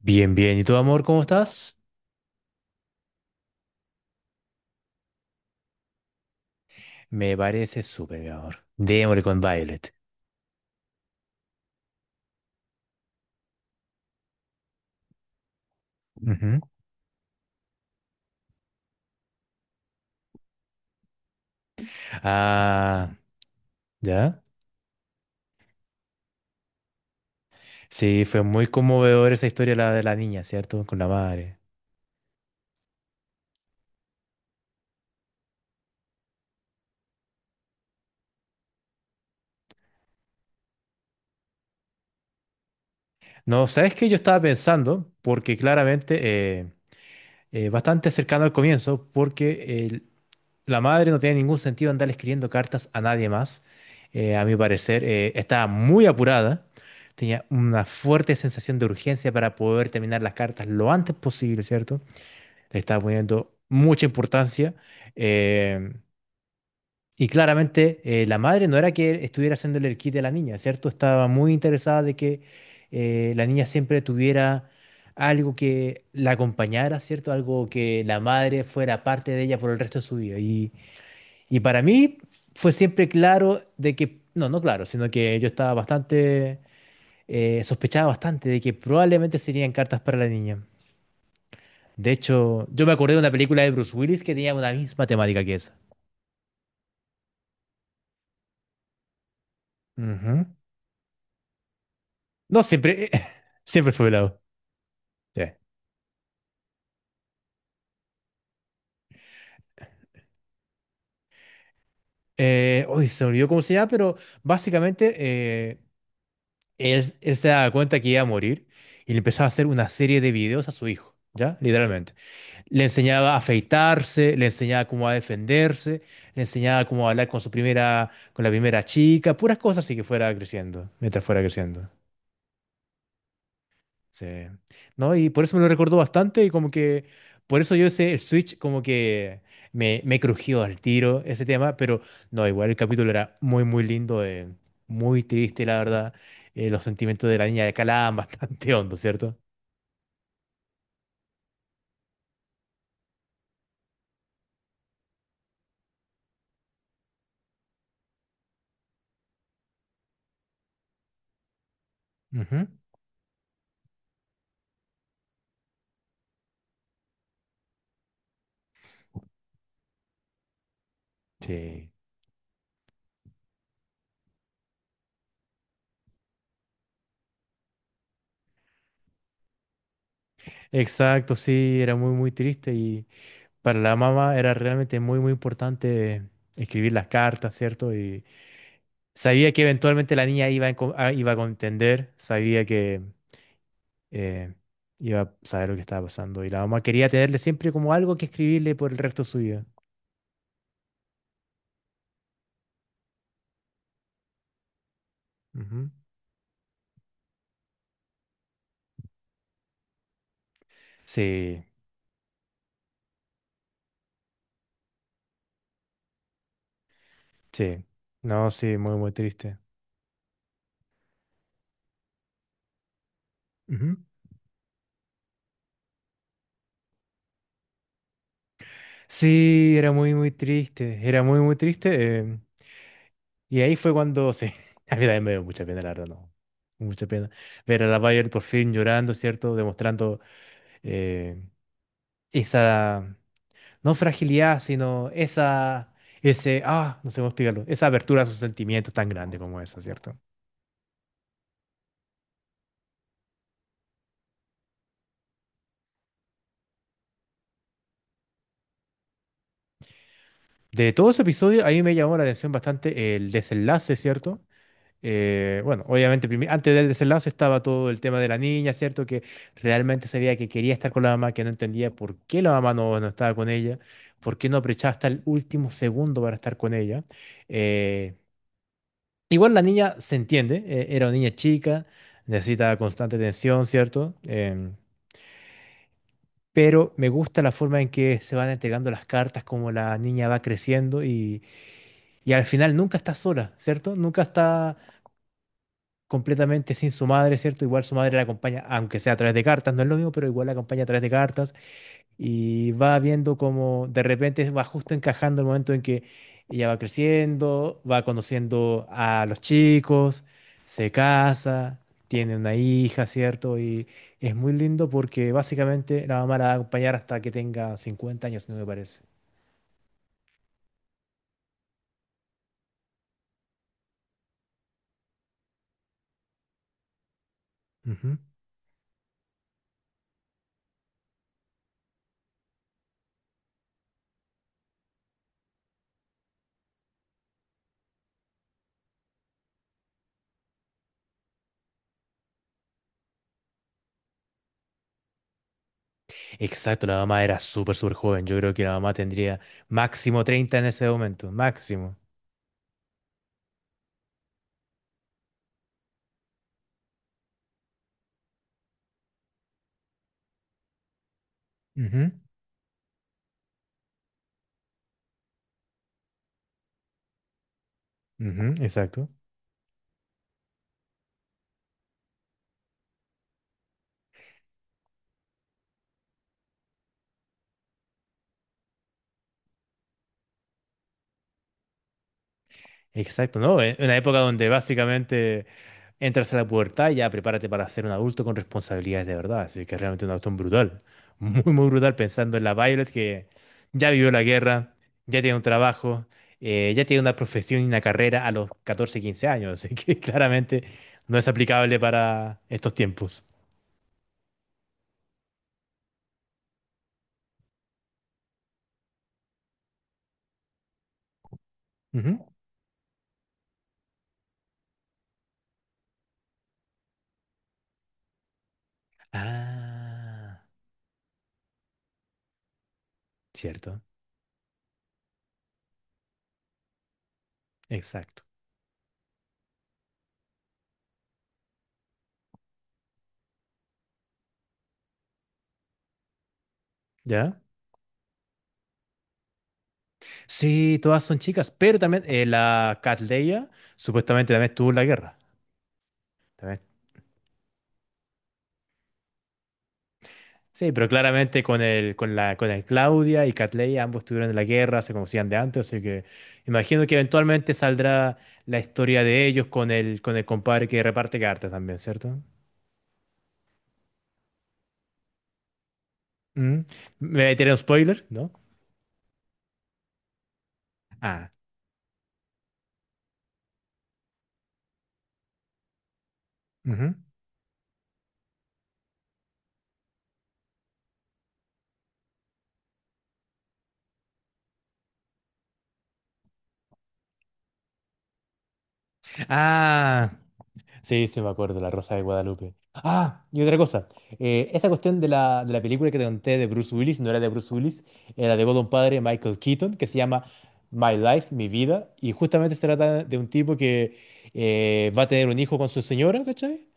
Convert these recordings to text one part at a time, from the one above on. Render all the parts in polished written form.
Bien, bien. ¿Y tú, amor, cómo estás? Me parece súper, mi amor. Démosle con Violet. Ujú. Ah, ¿ya? Sí, fue muy conmovedora esa historia la de la niña, ¿cierto? Con la madre. No, ¿sabes qué? Yo estaba pensando, porque claramente, eh, bastante cercano al comienzo, porque la madre no tiene ningún sentido andar escribiendo cartas a nadie más. A mi parecer, estaba muy apurada. Tenía una fuerte sensación de urgencia para poder terminar las cartas lo antes posible, ¿cierto? Le estaba poniendo mucha importancia. eh, y claramente la madre no era que estuviera haciéndole el kit a la niña, ¿cierto? Estaba muy interesada de que la niña siempre tuviera algo que la acompañara, ¿cierto? Algo que la madre fuera parte de ella por el resto de su vida. Y para mí fue siempre claro de que, no, no claro, sino que yo estaba bastante, sospechaba bastante de que probablemente serían cartas para la niña. De hecho, yo me acordé de una película de Bruce Willis que tenía una misma temática que esa. Ujú. No, siempre, siempre fue velado. Sí. Uy, se me olvidó cómo se llama, pero básicamente él se daba cuenta que iba a morir y le empezaba a hacer una serie de videos a su hijo, ¿ya? Literalmente. Le enseñaba a afeitarse, le enseñaba cómo a defenderse, le enseñaba cómo a hablar con su primera, con la primera chica, puras cosas así que fuera creciendo, mientras fuera creciendo. Sí. No, y por eso me lo recordó bastante y como que por eso yo ese el Switch como que me crujió al tiro ese tema, pero no, igual el capítulo era muy muy lindo, muy triste la verdad. Los sentimientos de la niña de Calaban bastante hondo, ¿cierto? Ujú. Sí. Exacto, sí, era muy muy triste y para la mamá era realmente muy muy importante escribir las cartas, ¿cierto? Y sabía que eventualmente la niña iba a contender, sabía que eh, iba a saber lo que estaba pasando. Y la mamá quería tenerle siempre como algo que escribirle por el resto de su vida. Ujú. Sí, sí. No, sí, muy, muy triste. Ujú. Sí, era muy, muy triste. Era muy, muy triste. Y ahí fue cuando, sí, a mí también me dio mucha pena, la verdad, no. Mucha pena. Ver a la Bayer por fin llorando, ¿cierto? Demostrando eh, esa, no fragilidad, sino esa, ese, no sé cómo explicarlo, esa apertura a sus sentimientos tan grande como esa, ¿cierto? De todo ese episodio, ahí me llamó la atención bastante el desenlace, ¿cierto? Bueno, obviamente antes del desenlace estaba todo el tema de la niña, ¿cierto? Que realmente sabía que quería estar con la mamá, que no entendía por qué la mamá no estaba con ella, por qué no aprovechaba hasta el último segundo para estar con ella. Eh, igual la niña se entiende, era una niña chica, necesita constante atención, ¿cierto? Pero me gusta la forma en que se van entregando las cartas, como la niña va creciendo. Y al final nunca está sola, ¿cierto? Nunca está completamente sin su madre, ¿cierto? Igual su madre la acompaña, aunque sea a través de cartas, no es lo mismo, pero igual la acompaña a través de cartas y va viendo como de repente va justo encajando el momento en que ella va creciendo, va conociendo a los chicos, se casa, tiene una hija, ¿cierto? Y es muy lindo porque básicamente la mamá la va a acompañar hasta que tenga 50 años, no me parece. Exacto, la mamá era súper, súper joven. Yo creo que la mamá tendría máximo 30 en ese momento, máximo. Ujú, ujú, exacto. Exacto, ¿no? En una época donde básicamente entras a la pubertad y ya prepárate para ser un adulto con responsabilidades de verdad. Así que realmente una cuestión brutal. Muy, muy brutal pensando en la Violet que ya vivió la guerra, ya tiene un trabajo, ya tiene una profesión y una carrera a los 14, 15 años. Así que claramente no es aplicable para estos tiempos. Ah, cierto, exacto. ¿Ya? Sí, todas son chicas, pero también la Cat Leia supuestamente también estuvo en la guerra. También. Sí, pero claramente con con el Claudia y Cat Leia, ambos estuvieron en la guerra, se conocían de antes, así que imagino que eventualmente saldrá la historia de ellos con con el compadre que reparte cartas también, ¿cierto? ¿Mm? ¿Me voy a tirar un spoiler? ¿No? Ah. Ujú. Ah. Sí, sí, me acuerdo, La Rosa de Guadalupe. Ah, y otra cosa. Esa cuestión de la película que te conté de Bruce Willis, no era de Bruce Willis, era de un padre, Michael Keaton, que se llama My Life, Mi Vida, y justamente se trata de un tipo que va a tener un hijo con su señora, ¿cachai?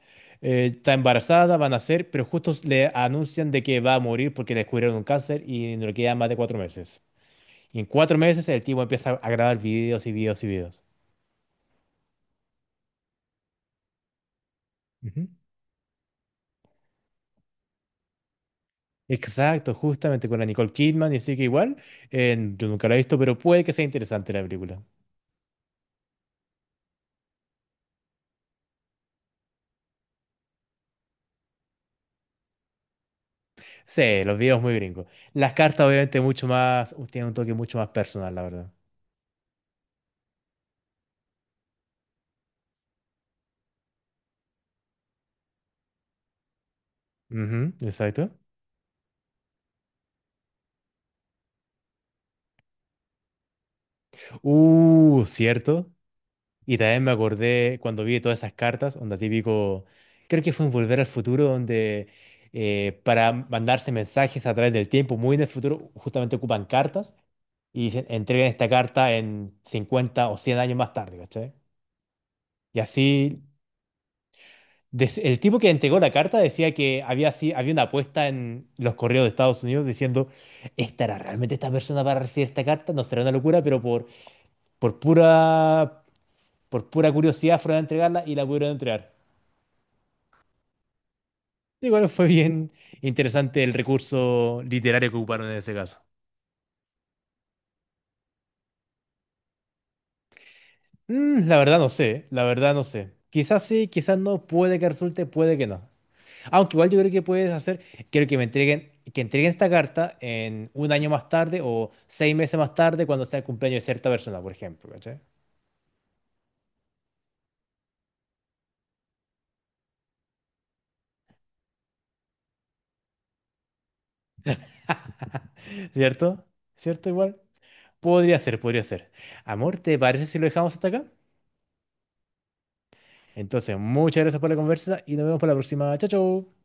Está embarazada, va a nacer, pero justo le anuncian de que va a morir porque le descubrieron un cáncer y no le quedan más de 4 meses. Y en 4 meses el tipo empieza a grabar videos y videos y videos. Ujú. Exacto, justamente con la Nicole Kidman, y así que igual, yo nunca la he visto, pero puede que sea interesante la película. Sí, los videos muy gringos. Las cartas obviamente mucho más, tienen un toque mucho más personal, la verdad. Ujú, exacto. Cierto. Y también me acordé cuando vi todas esas cartas, onda típico, creo que fue en Volver al Futuro, donde para mandarse mensajes a través del tiempo, muy en el futuro, justamente ocupan cartas y dicen, entregan esta carta en 50 o 100 años más tarde, ¿cachai? Y así, el tipo que entregó la carta decía que había, así, había una apuesta en los correos de Estados Unidos diciendo, ¿estará realmente esta persona para recibir esta carta? No será una locura, pero por pura, por pura curiosidad fueron a entregarla y la pudieron entregar. Igual fue bien interesante el recurso literario que ocuparon en ese caso. La verdad no sé, la verdad no sé. Quizás sí, quizás no, puede que resulte, puede que no. Aunque igual yo creo que puedes hacer, quiero que me entreguen, que entreguen esta carta en un año más tarde o 6 meses más tarde cuando sea el cumpleaños de cierta persona, por ejemplo, ¿cachai? ¿Cierto? ¿Cierto igual? Podría ser, podría ser. Amor, ¿te parece si lo dejamos hasta acá? Entonces, muchas gracias por la conversa y nos vemos para la próxima. Chao, chao.